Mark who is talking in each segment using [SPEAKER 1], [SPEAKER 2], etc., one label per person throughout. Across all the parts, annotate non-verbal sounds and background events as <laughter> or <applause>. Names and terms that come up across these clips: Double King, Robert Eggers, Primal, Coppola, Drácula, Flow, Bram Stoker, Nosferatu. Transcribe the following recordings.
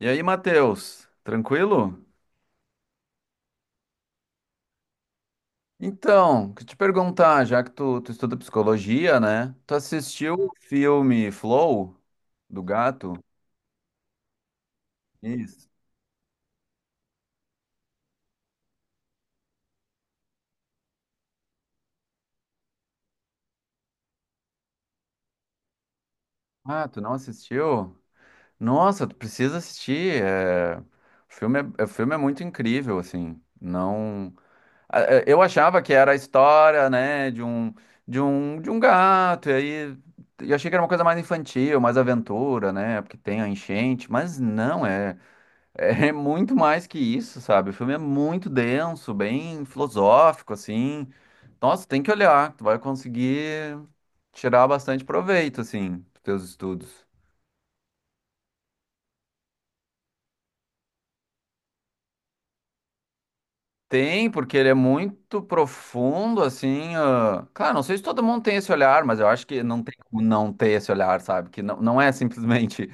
[SPEAKER 1] E aí, Matheus, tranquilo? Então, que te perguntar, já que tu estuda psicologia, né? Tu assistiu o filme Flow do gato? Isso. Ah, tu não assistiu? Nossa, tu precisa assistir. O filme é muito incrível, assim. Não, ah, é, eu achava que era a história, né, de um gato. E aí eu achei que era uma coisa mais infantil, mais aventura, né? Porque tem a enchente, mas não é. É muito mais que isso, sabe? O filme é muito denso, bem filosófico, assim. Nossa, tem que olhar, tu vai conseguir tirar bastante proveito, assim, dos teus estudos. Tem, porque ele é muito profundo, assim. Claro, não sei se todo mundo tem esse olhar, mas eu acho que não tem como não ter esse olhar, sabe? Que não, não é simplesmente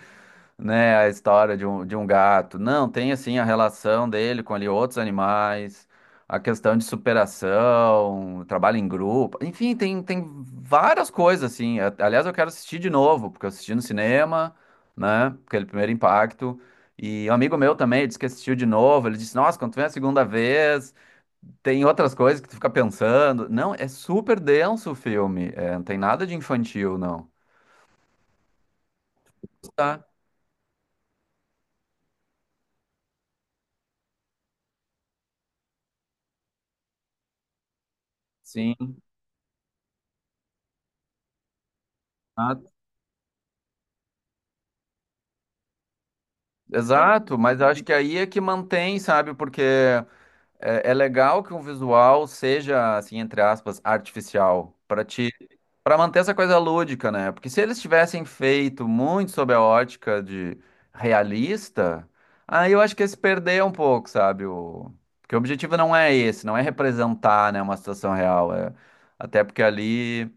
[SPEAKER 1] né, a história de um gato. Não, tem assim a relação dele com ali outros animais, a questão de superação, trabalho em grupo, enfim, tem várias coisas assim. Aliás, eu quero assistir de novo, porque eu assisti no cinema, né, aquele primeiro impacto. E um amigo meu também disse que assistiu de novo. Ele disse: Nossa, quando tu vem a segunda vez, tem outras coisas que tu fica pensando. Não, é super denso o filme. É, não tem nada de infantil, não. Tá, sim. Tá, exato, mas eu acho que aí é que mantém, sabe? Porque é legal que um visual seja, assim, entre aspas, artificial, para te, para manter essa coisa lúdica, né? Porque se eles tivessem feito muito sob a ótica de realista, aí eu acho que ia se perder um pouco, sabe? O, porque o objetivo não é esse, não é representar, né, uma situação real, é até porque ali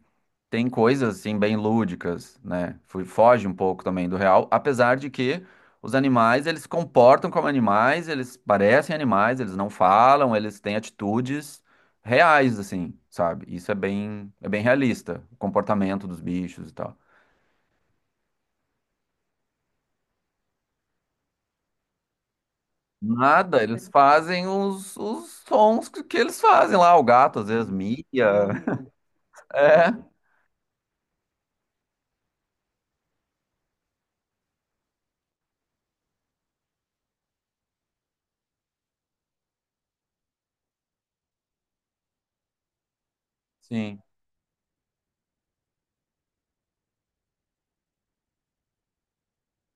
[SPEAKER 1] tem coisas assim bem lúdicas, né? Foge um pouco também do real, apesar de que os animais eles se comportam como animais, eles parecem animais, eles não falam, eles têm atitudes reais assim, sabe? Isso é bem realista, o comportamento dos bichos e tal. Nada, eles fazem os sons que eles fazem lá, o gato às vezes mia. <laughs> É, sim,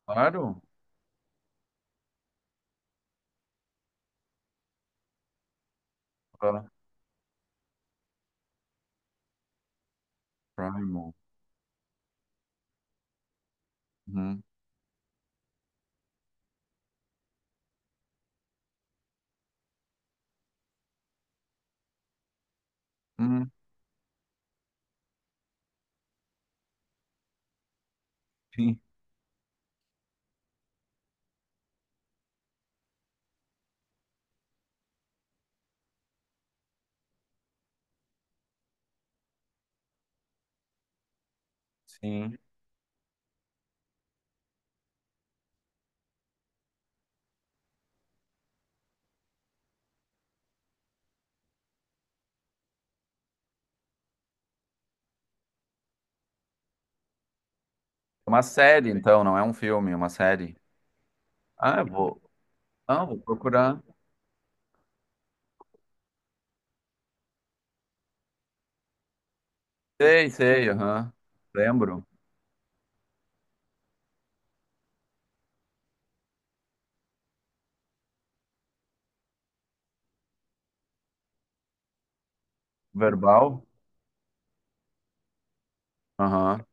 [SPEAKER 1] claro. Ah, Primal. Uhum. Uhum. Sim, sim. É uma série, então, não é um filme, é uma série. Ah, eu vou. Ah, eu vou procurar. Sei, sei, aham. Lembro. Verbal? Aham.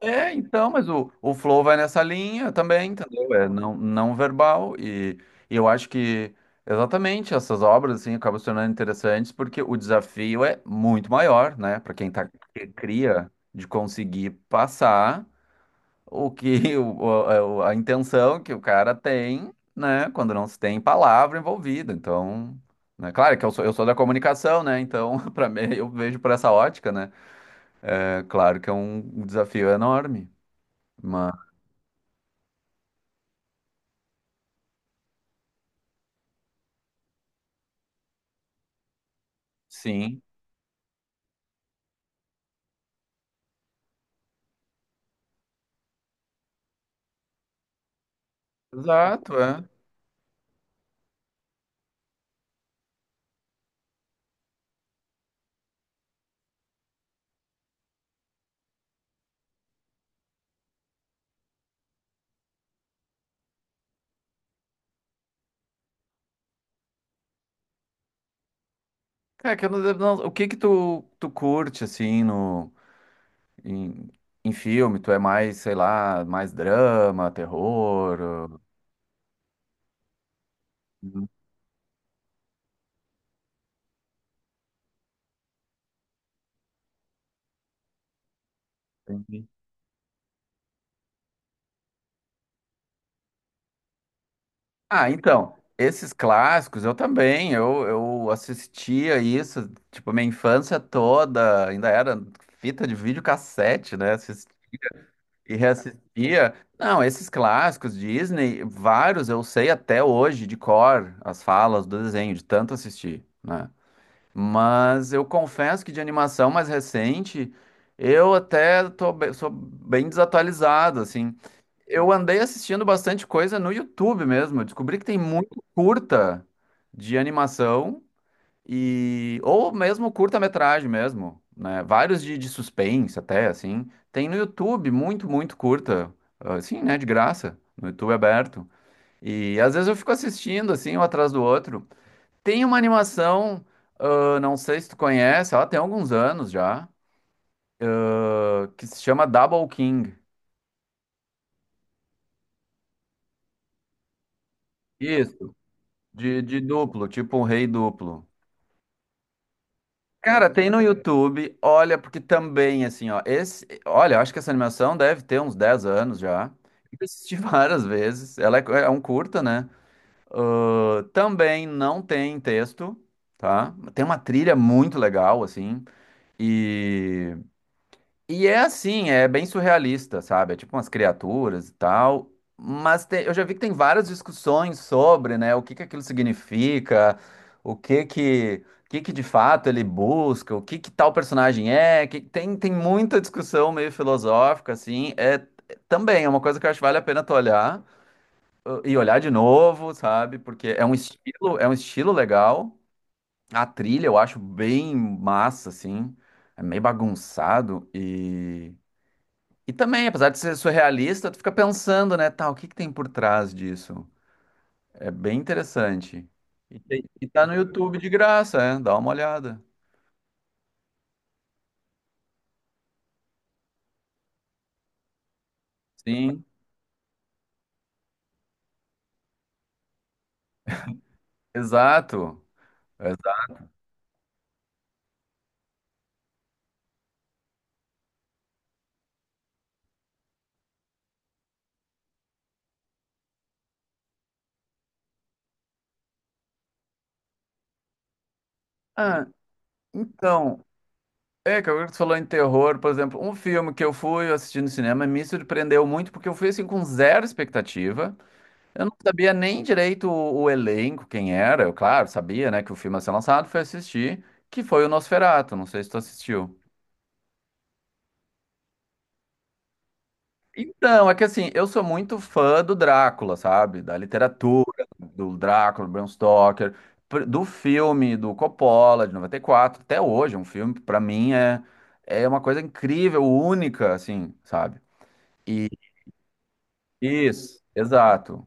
[SPEAKER 1] É, então, mas o Flow vai nessa linha também, entendeu? É não, não verbal. E eu acho que exatamente essas obras assim, acabam se tornando interessantes porque o desafio é muito maior, né? Para quem tá, que cria, de conseguir passar o que <laughs> o, é a intenção que o cara tem, né, quando não se tem palavra envolvida. Então, né, claro que eu sou da comunicação, né? Então, <laughs> para mim, eu vejo por essa ótica, né? É claro que é um desafio enorme, mas sim. Exato, é. É que eu não- não- o que que tu curte assim no em, em filme? Tu é mais, sei lá, mais drama, terror? uh, Ah, então, esses clássicos eu também, eu assistia isso, tipo, minha infância toda, ainda era fita de videocassete, né? E reassistia. Não, esses clássicos Disney, vários eu sei até hoje de cor as falas do desenho, de tanto assistir, né? Mas eu confesso que de animação mais recente, eu até tô, sou bem desatualizado, assim. Eu andei assistindo bastante coisa no YouTube mesmo. Eu descobri que tem muito curta de animação e ou mesmo curta-metragem mesmo, né? Vários de suspense até assim. Tem no YouTube muito curta, assim, né, de graça, no YouTube aberto. E às vezes eu fico assistindo assim, um atrás do outro. Tem uma animação, ah, não sei se tu conhece, ela tem alguns anos já, que se chama Double King. Isso, de duplo, tipo um rei duplo. Cara, tem no YouTube, olha, porque também, assim, ó, esse, olha, eu acho que essa animação deve ter uns 10 anos já. Eu assisti <laughs> várias vezes, ela é, é um curta, né? Ah, também não tem texto, tá? Tem uma trilha muito legal, assim, e e é assim, é bem surrealista, sabe? É tipo umas criaturas e tal. Mas tem- eu já vi que tem várias discussões sobre, né, o que que aquilo significa, o que que de fato ele busca, o que que tal personagem é. Que- tem, tem muita discussão meio filosófica, assim. É, também é uma coisa que eu acho que vale a pena tu olhar e olhar de novo, sabe? Porque é um estilo legal. A trilha eu acho bem massa, assim. É meio bagunçado e também, apesar de ser surrealista, tu fica pensando, né, tá, o que que tem por trás disso? É bem interessante. E, tem- e tá no YouTube de graça, é, dá uma olhada. Sim, exato. Exa- ah, então, é que agora que tu falou em terror, por exemplo, um filme que eu fui assistir no cinema me surpreendeu muito porque eu fui assim com zero expectativa. Eu não sabia nem direito o elenco, quem era. Eu, claro, sabia, né, que o filme ia ser lançado, fui assistir, que foi o Nosferatu, não sei se tu assistiu. Então, é que assim, eu sou muito fã do Drácula, sabe? Da literatura, do Drácula, Bram Stoker, do filme do Coppola de 94, até hoje, é um filme para mim é é uma coisa incrível, única, assim, sabe? E isso, exato.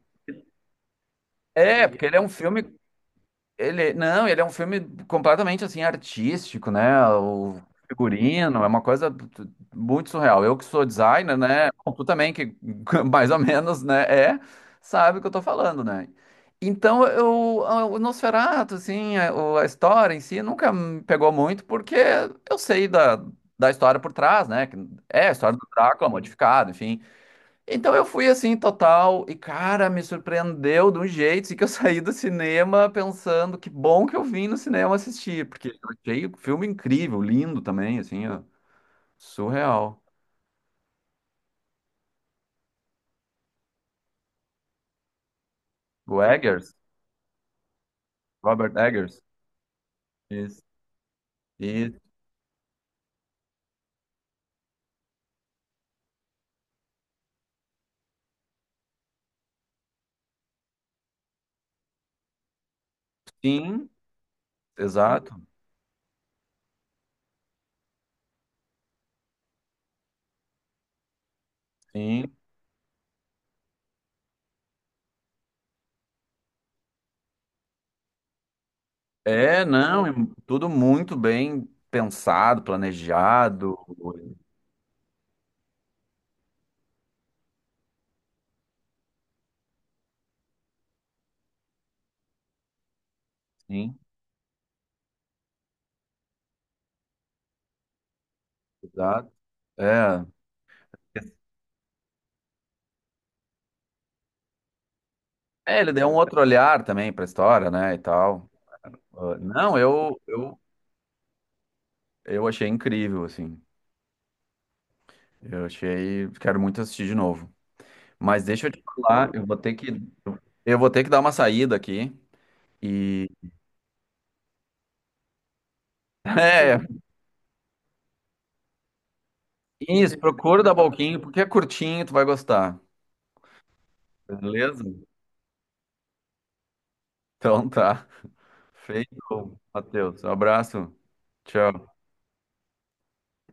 [SPEAKER 1] É, porque ele é um filme ele, não, ele é um filme completamente assim artístico, né? O figurino é uma coisa muito surreal. Eu que sou designer, né? Bom, tu também que <laughs> mais ou menos, né? É, sabe o que eu tô falando, né? Então, eu, o Nosferatu, assim, a, a história em si nunca me pegou muito porque eu sei da, da história por trás, né? Que é a história do Drácula modificado, enfim. Então eu fui assim, total, e cara, me surpreendeu de um jeito assim, que eu <laughs> saí do cinema pensando que bom que eu vim no cinema assistir, porque eu achei o filme incrível, lindo também, assim, ó, surreal. O Eggers, Robert Eggers. Isso. E sim, exato, sim. É, não, e tudo muito bem pensado, planejado, sim, exato. É. É, ele deu um outro olhar também para a história, né, e tal. Ah, não, eu achei incrível, assim. Eu achei. Quero muito assistir de novo. Mas deixa eu te falar, eu vou ter que dar uma saída aqui. E. <laughs> É, isso, procura o da Balquinho, porque é curtinho, tu vai gostar. Beleza? Então tá. Feito, Matheus. Um abraço. Tchau.